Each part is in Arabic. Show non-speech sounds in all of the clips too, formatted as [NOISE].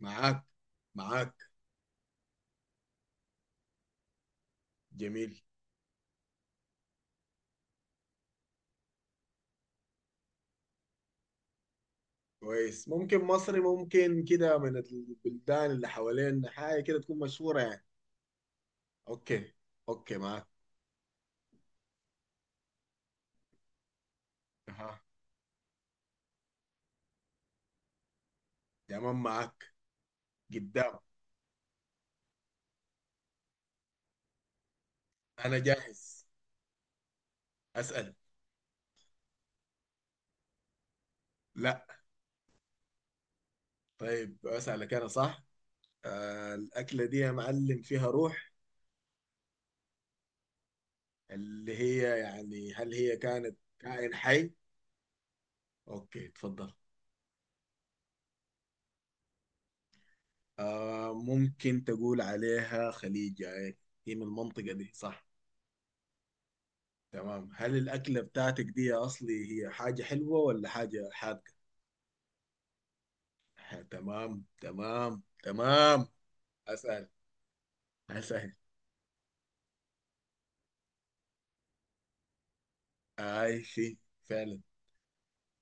معاك. معاك. جميل. كويس، ممكن مصري، ممكن كده من البلدان اللي حوالينا حاجة كده تكون مشهورة يعني. اوكي. اوكي معاك. اها، تمام معاك. قدام. انا جاهز. اسأل. لا. طيب اسألك انا صح. آه، الأكلة دي يا معلم فيها روح؟ اللي هي يعني هل هي كانت كائن حي؟ اوكي، تفضل. آه، ممكن تقول عليها خليجة. هي من المنطقة دي صح؟ تمام، هل الأكلة بتاعتك دي يا أصلي هي حاجة حلوة ولا حاجة حادقة؟ تمام تمام تمام. أسهل. أسهل. أي شيء فعلا.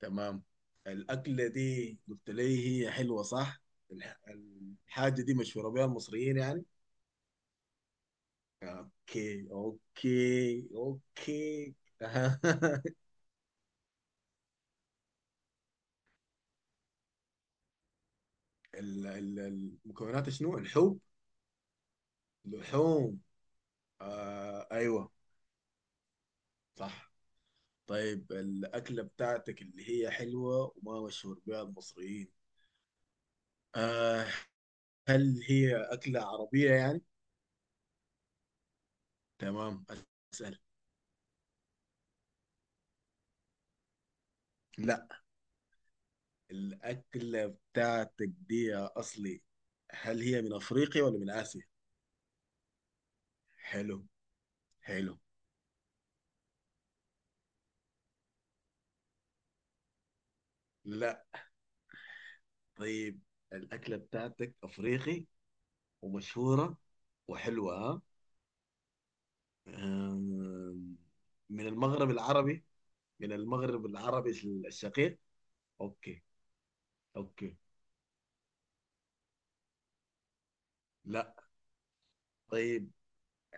تمام، الأكلة دي قلت لي هي حلوة صح؟ الحاجة دي مشهورة بها المصريين يعني؟ أوكي أوكي أوكي. [LAUGHS] ال- ال- المكونات شنو؟ الحب؟ لحوم. آه أيوه. صح. طيب الأكلة بتاعتك اللي هي حلوة وما مشهور بها المصريين، آه، هل هي أكلة عربية يعني؟ تمام، أسأل. لا. الأكلة بتاعتك دي يا أصلي، هل هي من أفريقيا ولا من آسيا؟ حلو. حلو. لا. طيب الأكلة بتاعتك أفريقي ومشهورة وحلوة، ها؟ آم، من المغرب العربي. من المغرب العربي الشقيق. أوكي. أوكي. لا. طيب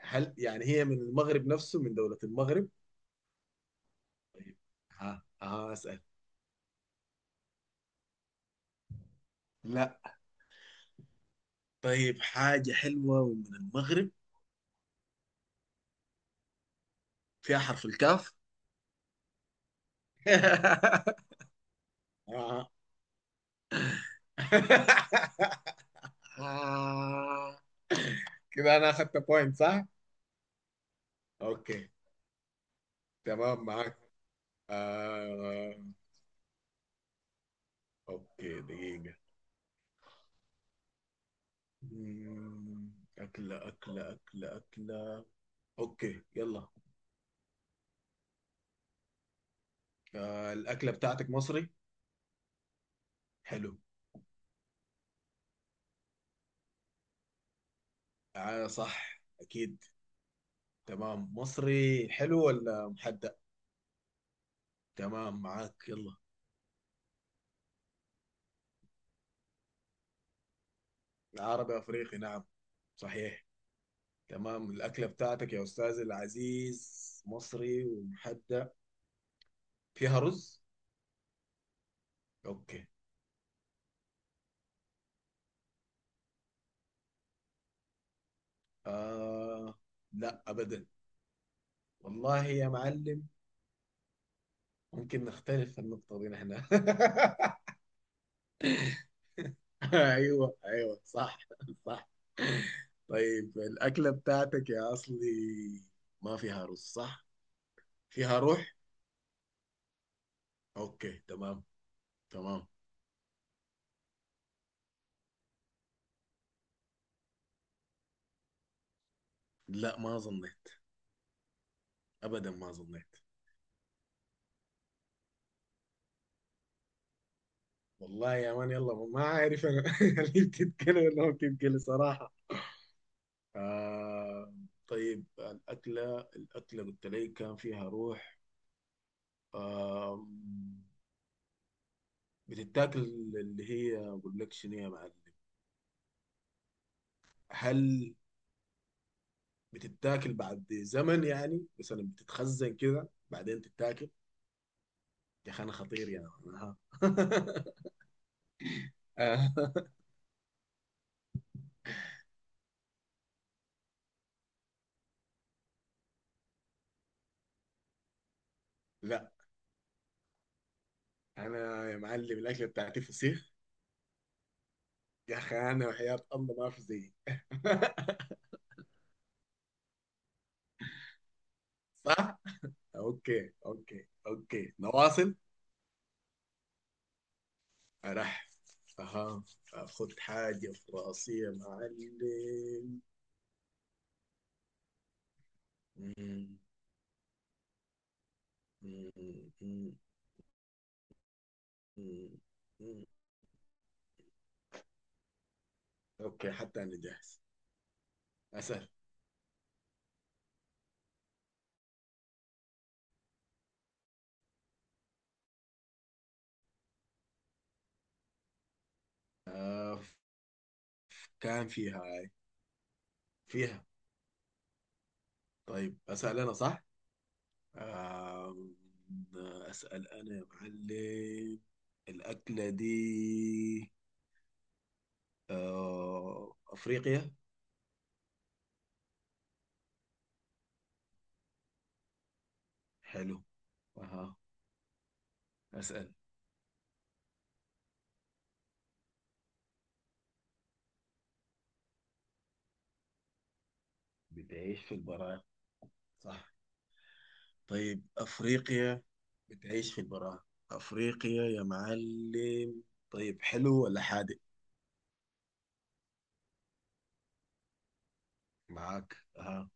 هل يعني هي من المغرب نفسه، من دولة المغرب؟ طيب. ها ها، اسأل. لا. طيب، حاجة حلوة ومن المغرب، فيها حرف الكاف. [LAUGHS] آه. آه. كده انا اخدت بوينت صح؟ اوكي. تمام معاك. آه. اوكي، دقيقة. مم، أكلة أكلة أكلة أكلة. أوكي يلا. آه، الأكلة بتاعتك مصري. حلو. آه صح أكيد. تمام، مصري حلو ولا محدق؟ تمام معاك، يلا. العربي افريقي، نعم. صحيح. تمام، الاكله بتاعتك يا استاذ العزيز مصري ومحدق، فيها رز؟ اوكي. آه، لا ابدا. والله يا معلم ممكن نختلف في النقطه دي نحن. [LAUGHS] ايوه ايوه صح. صح. طيب الاكله بتاعتك يا اصلي، ما فيها رز صح؟ فيها روح. اوكي تمام. تمام. لا ما اظن. ابدا، ما ظنيت. والله يا مان، يلا، ما عارف انا. [LAUGHS] هل بتتكلم ولا ما بتتكلم صراحه؟ آه. طيب الاكله الاكله، قلت لي كان فيها روح، آه، بتتاكل؟ اللي هي اقول لك شنو يا معلم، هل بتتاكل بعد زمن يعني مثلا، بتتخزن كده بعدين تتاكل؟ يا اخي انا خطير يا مان، ها. [LAUGHS] آه. لا. انا يا معلم الاكله بتاعتي فسيخ. يا اخي انا وحياة الله ما في زيي. [LAUGHS] صح؟ اوكي اوكي اوكي نواصل. راح. اها. اخذ حاجة في راسي يا معلم. مم، مم، مم، مم، مم. اوكي، حتى انا جاهز. اسال. آه، كان فيها هاي. فيها. طيب اسال انا صح؟ آه، اسال انا يا معلم. الاكلة دي آه افريقيا. حلو. اها. اسال. بتعيش في البراعم. صح. طيب، أفريقيا، بتعيش في البراءة، أفريقيا يا معلم. طيب، حلو ولا حادق؟ معاك، أها.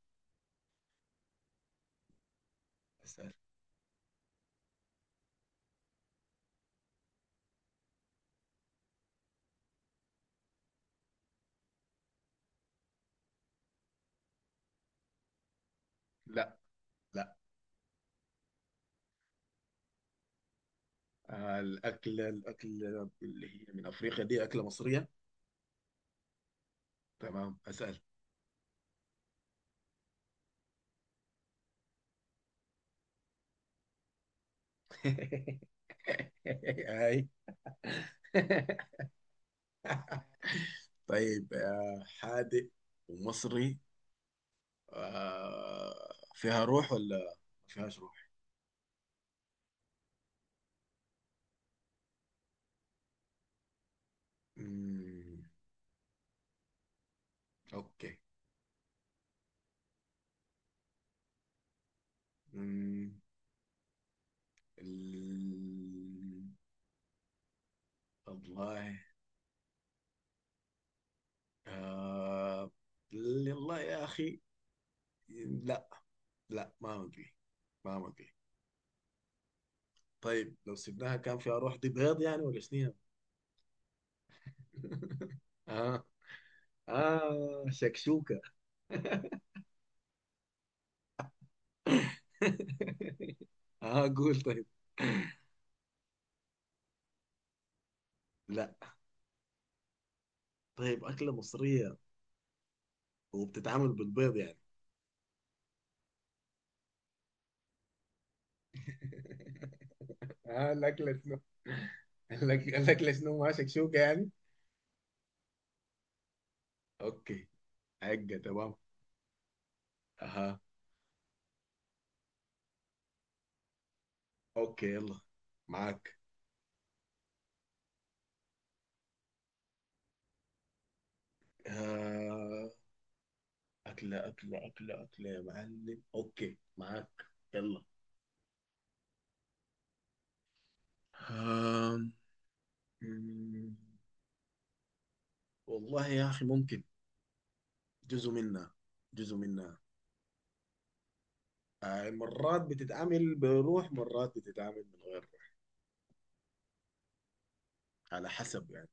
أسأل. لا لا. آه، الأكلة الأكلة اللي هي من أفريقيا دي أكلة مصرية. تمام، أسأل. [LAUGHS] هاي. [LAUGHS] طيب آه، حادق ومصري، آه، فيها روح ولا ما فيهاش روح؟ مم. أوكي. مم. ال- والله. آه. والله يا أخي لا. لا ما مقلي. ما مقلي. طيب لو سبناها كان فيها روح، دي بيض يعني ولا شنو؟ آه. آه شكشوكة. [LAUGHS] آه، قول طيب. لا. طيب، أكلة مصرية وبتتعمل بالبيض يعني؟ [LAUGHS] آه، الأكلة شنو؟ الأكلة شنو، ما شكشوكة يعني؟ أوكي. حقة، تمام. أها. أوكي، يلا معاك. آه. أكلة أكلة أكلة أكلة يا معلم. أوكي معاك. يلا. آم، مم، والله يا أخي ممكن. جزء منها. جزء منها. آه، مرات بتتعمل بروح، مرات بتتعمل من غير روح. على حسب يعني.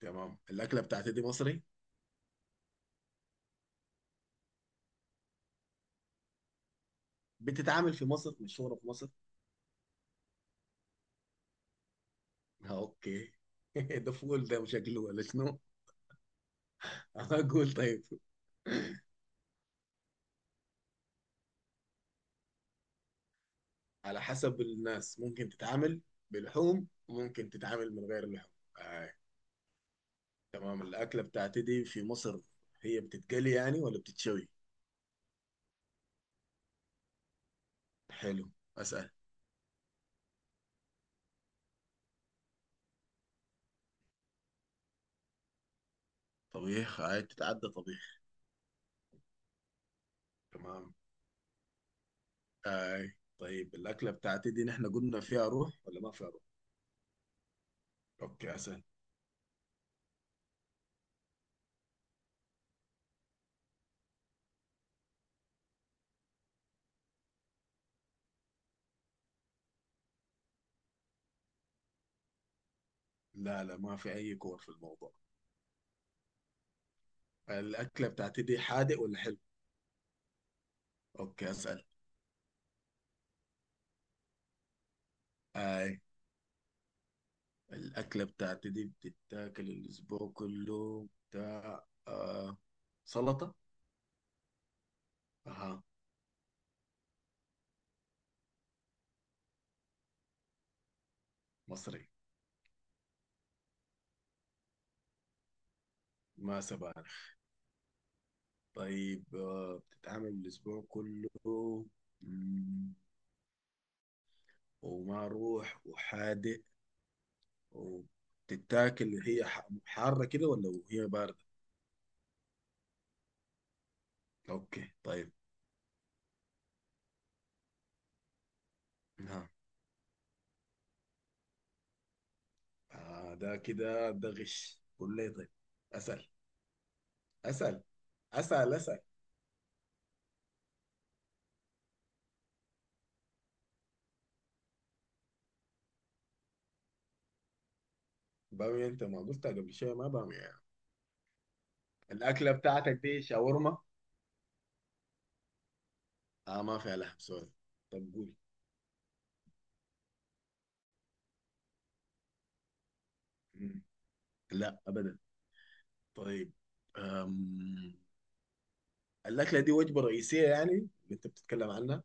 تمام، الأكلة بتاعتي دي مصري، بتتعمل في مصر، مشهورة في مصر. آه، أوكي. [LAUGHS] ده فول ده شكله ولا شنو؟ [LAUGHS] أنا أقول طيب. على حسب الناس، ممكن تتعامل بلحوم ممكن تتعامل من غير لحوم. آه. تمام، الأكلة بتاعتي دي في مصر، هي بتتقلي يعني ولا بتتشوي؟ حلو. أسأل. طبيخ. هاي، بتتعدى طبيخ. تمام. هاي، طيب الأكلة بتاعتي دي نحن قلنا فيها روح ولا ما فيها روح؟ أوكي، أسأل. لا لا، ما في أي كور في الموضوع. الأكلة بتاعتي دي حادق ولا حلو؟ أوكي أسأل. هاي. الأكلة بتاعتي دي بتتاكل الأسبوع كله، بتاع آه سلطة؟ أها. مصري. ما سبق. طيب آه، بتتعامل الأسبوع كله، مم، ومع روح وحادق، وبتتاكل هي حارة كده ولا هي باردة؟ أوكي طيب. ها. آه، ده كده ده غش، قول لي طيب. أسأل أسأل أسأل أسأل. بامية أنت ما قلتها قبل شوية، ما بامية يعني. الأكلة بتاعتك دي شاورما؟ آه، ما فيها لحم سوري. طب قول. مم. لا أبدا. طيب. أم، الأكلة دي وجبة رئيسية يعني اللي أنت بتتكلم عنها؟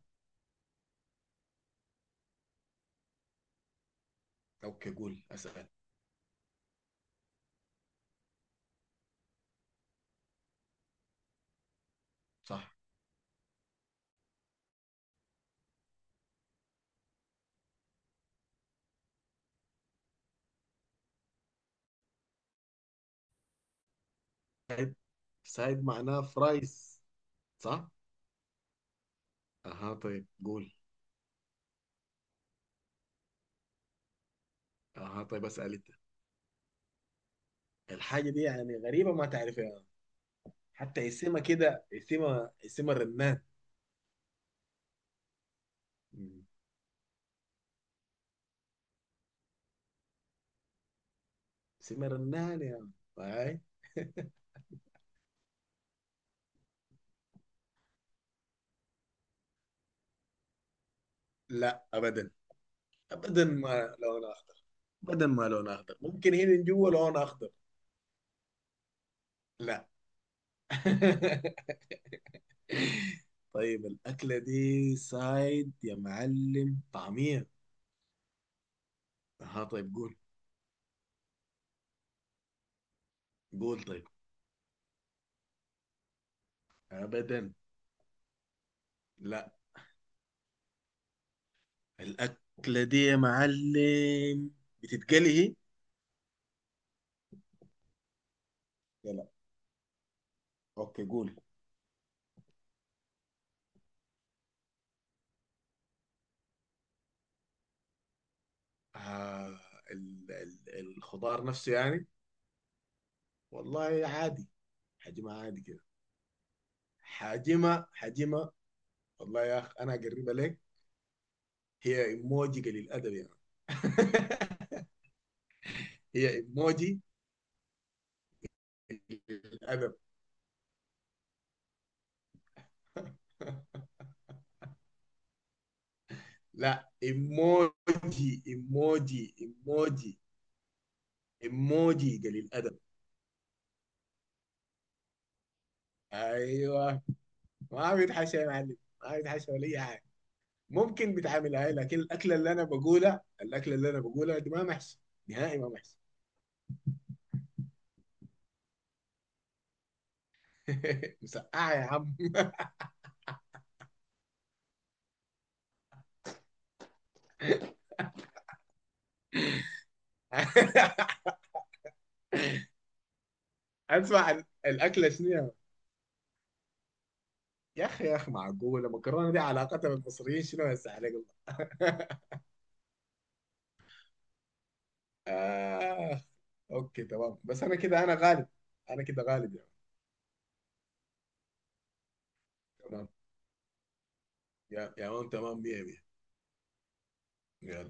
أوكي قول، أسأل. صح. سايد. سايد معناها فرايز صح. أها طيب قول. أها طيب أسأل أنت. الحاجة دي يعني غريبة ما تعرفها. حتى اسمها كده، اسمها اسمها رنان. مم. اسمها رنان يعني. هاي. لا أبدا. أبدا ما لون أخضر. أبدا ما لون أخضر. ممكن هنا من جوا لون أخضر. لا. [LAUGHS] طيب، الأكلة دي سايد يا معلم، طعمية؟ ها طيب قول. قول طيب. ابدا. لا. الاكله دي يا معلم بتتقلي هي؟ لا لا. اوكي قول. آه، ال ال الخضار نفسه يعني؟ والله عادي، حجمها عادي كده. حجمها، حجمها، والله يا اخ انا اقربها لك. هي ايموجي قليل الادب يعني. [LAUGHS] هي ايموجي قليل الادب. [LAUGHS] لا ايموجي ايموجي ايموجي. ايموجي قليل الادب. ايوه. ما بيتحشى يا معلم، ما بيتحشى ولا اي حاجه. ممكن بيتعامل هاي، لكن الاكله اللي انا بقولها، الاكله اللي انا بقولها دي ما محشي، نهائي ما محشي. [LAUGHS] مسقعه يا عم. [LAUGHS] اسمع، الاكله شنو يا. يا اخي، يا اخي معقوله المكرونه دي علاقتها بالمصريين شنو هسه عليك الله. [LAUGHS] آه. اوكي تمام، بس انا كده انا غالب. انا كده غالب يا عم. تمام. يا عم، تمام 100. 100.